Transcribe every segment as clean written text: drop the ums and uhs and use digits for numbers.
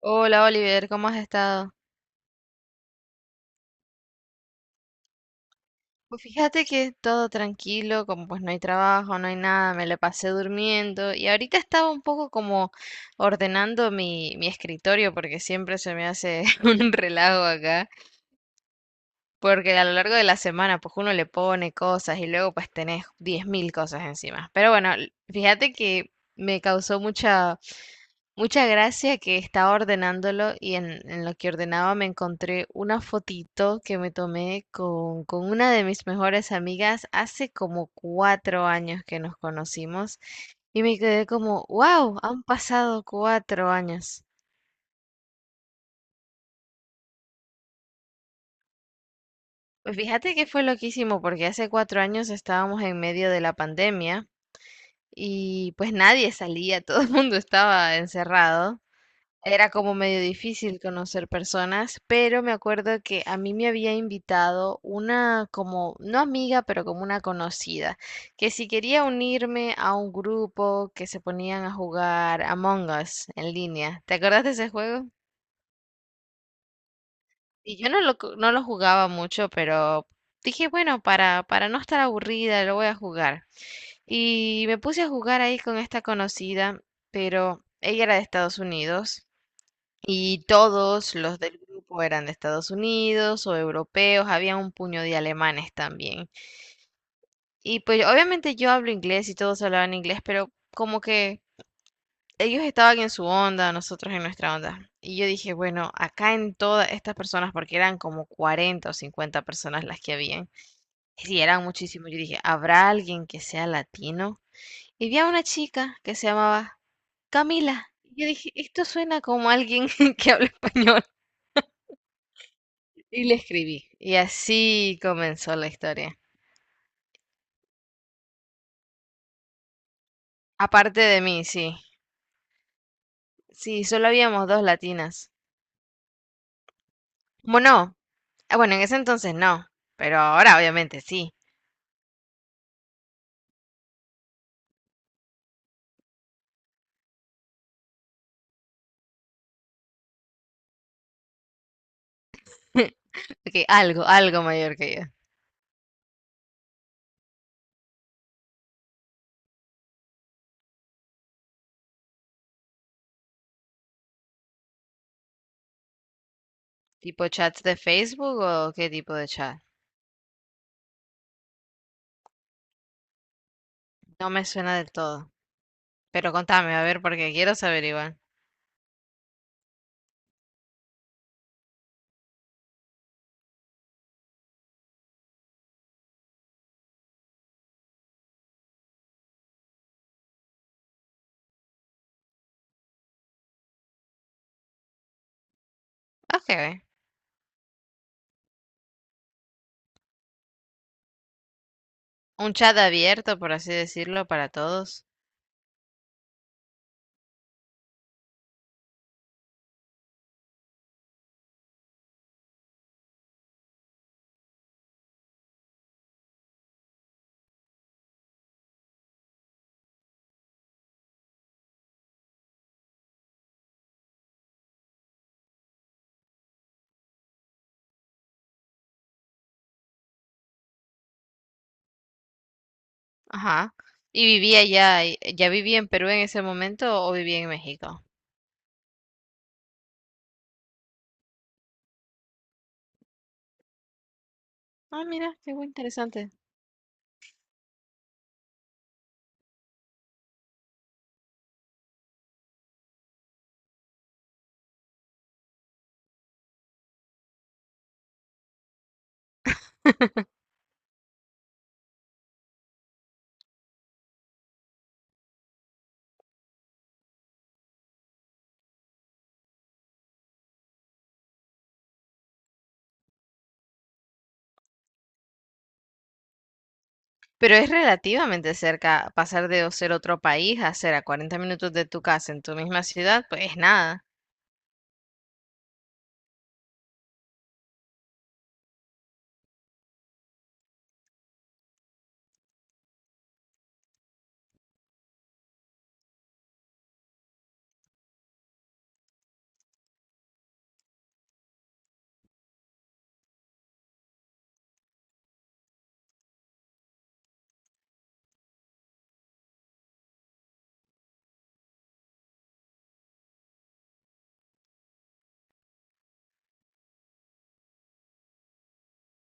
Hola Oliver, ¿cómo has estado? Pues fíjate que todo tranquilo, como pues no hay trabajo, no hay nada, me la pasé durmiendo y ahorita estaba un poco como ordenando mi escritorio porque siempre se me hace un relajo acá. Porque a lo largo de la semana, pues uno le pone cosas y luego pues tenés 10.000 cosas encima. Pero bueno, fíjate que me causó mucha gracia que estaba ordenándolo y en lo que ordenaba me encontré una fotito que me tomé con una de mis mejores amigas hace como cuatro años que nos conocimos y me quedé como, wow, han pasado cuatro años. Pues fíjate que fue loquísimo porque hace cuatro años estábamos en medio de la pandemia. Y pues nadie salía, todo el mundo estaba encerrado. Era como medio difícil conocer personas, pero me acuerdo que a mí me había invitado una como, no amiga, pero como una conocida, que si quería unirme a un grupo que se ponían a jugar Among Us en línea. ¿Te acordás de ese juego? Y yo no lo jugaba mucho, pero dije, bueno, para no estar aburrida, lo voy a jugar. Y me puse a jugar ahí con esta conocida, pero ella era de Estados Unidos y todos los del grupo eran de Estados Unidos o europeos, había un puño de alemanes también. Y pues obviamente yo hablo inglés y todos hablaban inglés, pero como que ellos estaban en su onda, nosotros en nuestra onda. Y yo dije, bueno, acá en todas estas personas, porque eran como 40 o 50 personas las que habían, y sí, eran muchísimos, yo dije, ¿habrá alguien que sea latino? Y vi a una chica que se llamaba Camila. Y yo dije, esto suena como alguien que habla español. Y le escribí. Y así comenzó la historia. Aparte de mí, sí. Sí, solo habíamos dos latinas. Bueno, bueno, en ese entonces no. Pero ahora obviamente sí. Ok, algo mayor que yo. ¿Tipo chats de Facebook o qué tipo de chat? No me suena del todo. Pero contame, a ver, porque quiero saber igual. Ok. Un chat abierto, por así decirlo, para todos. Ajá. ¿Y vivía ya, ya vivía en Perú en ese momento o vivía en México? Ah, mira, interesante. Pero es relativamente cerca pasar de ser otro país a ser a cuarenta minutos de tu casa en tu misma ciudad, pues es nada.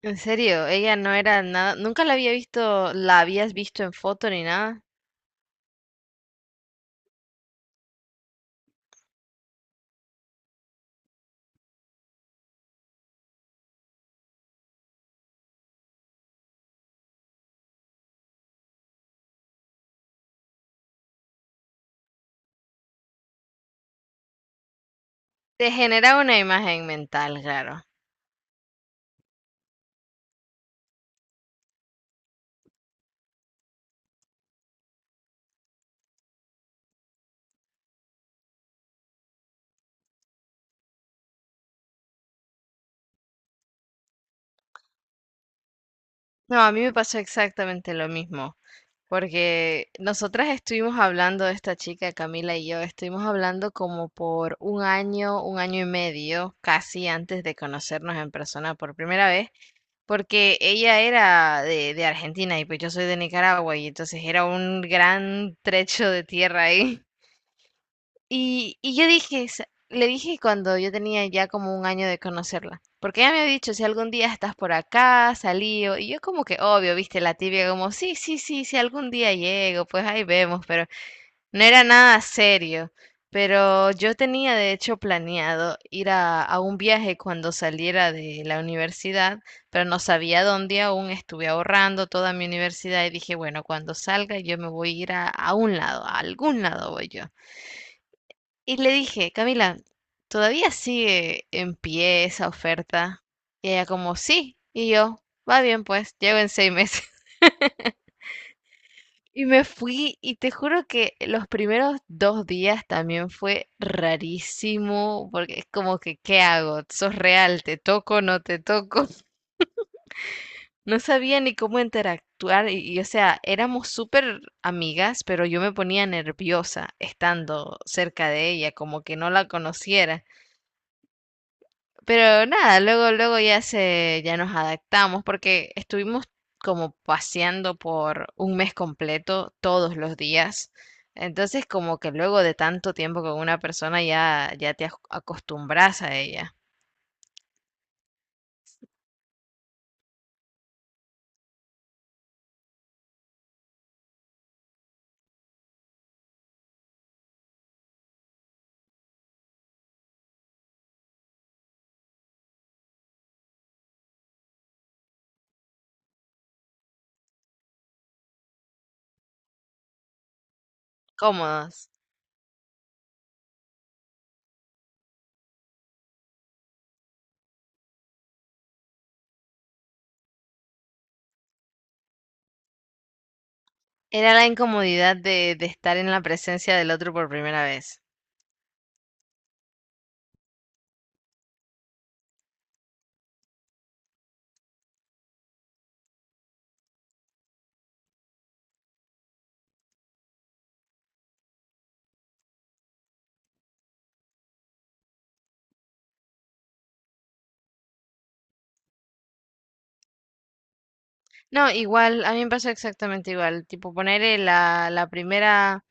En serio, ella no era nada, nunca la había visto, la habías visto en foto ni nada. Te generaba una imagen mental, claro. No, a mí me pasó exactamente lo mismo. Porque nosotras estuvimos hablando de esta chica, Camila y yo, estuvimos hablando como por un año y medio, casi antes de conocernos en persona por primera vez, porque ella era de Argentina y pues yo soy de Nicaragua y entonces era un gran trecho de tierra ahí. Y yo dije, Le dije cuando yo tenía ya como un año de conocerla, porque ella me había dicho, si algún día estás por acá, salí, o-". Y yo como que obvio, viste, la tibia como, sí, sí, sí, si algún día llego, pues ahí vemos, pero no era nada serio. Pero yo tenía de hecho planeado ir a un viaje cuando saliera de la universidad, pero no sabía dónde aún, estuve ahorrando toda mi universidad y dije, bueno, cuando salga yo me voy a ir a un lado, a algún lado voy yo. Y le dije, Camila, ¿todavía sigue en pie esa oferta? Y ella como, sí. Y yo, va bien pues, llevo en seis meses. Y me fui y te juro que los primeros dos días también fue rarísimo, porque es como que, ¿qué hago? ¿Sos real? ¿Te toco? ¿No te toco? No sabía ni cómo interactuar o sea, éramos súper amigas, pero yo me ponía nerviosa estando cerca de ella, como que no la conociera. Pero nada, ya nos adaptamos porque estuvimos como paseando por un mes completo todos los días. Entonces, como que luego de tanto tiempo con una persona ya te acostumbras a ella. Cómodos. Era la incomodidad de estar en la presencia del otro por primera vez. No, igual, a mí me pasó exactamente igual. Tipo, poner la primera.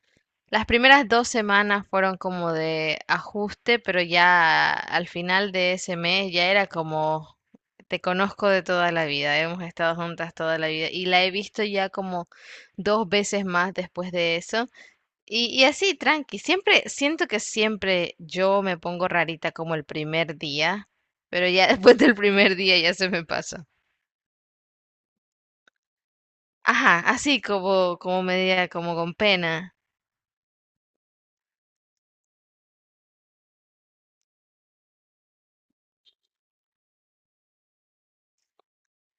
Las primeras dos semanas fueron como de ajuste, pero ya al final de ese mes ya era como, te conozco de toda la vida, hemos estado juntas toda la vida y la he visto ya como dos veces más después de eso. Y así, tranqui, siempre, siento que siempre yo me pongo rarita como el primer día, pero ya después del primer día ya se me pasa. Ajá, así como, como con pena.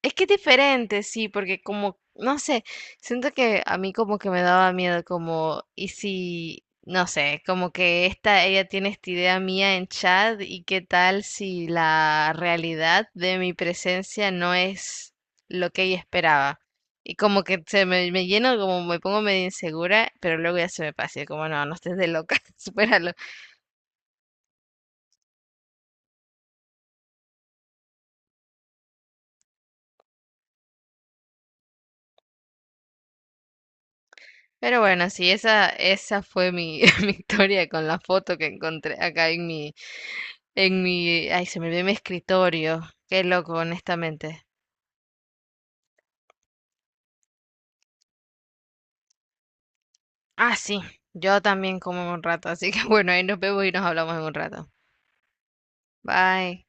Es que es diferente, sí, porque como, no sé, siento que a mí como que me daba miedo, como, y si, no sé, como que ella tiene esta idea mía en chat y qué tal si la realidad de mi presencia no es lo que ella esperaba. Y como que me lleno, como me pongo medio insegura, pero luego ya se me pasa, y como no, no estés de loca, supéralo. Pero bueno, sí, esa fue mi, mi historia con la foto que encontré acá en mi ay, se me olvidó mi escritorio. Qué loco, honestamente. Ah, sí, yo también como en un rato, así que bueno, ahí nos vemos y nos hablamos en un rato. Bye.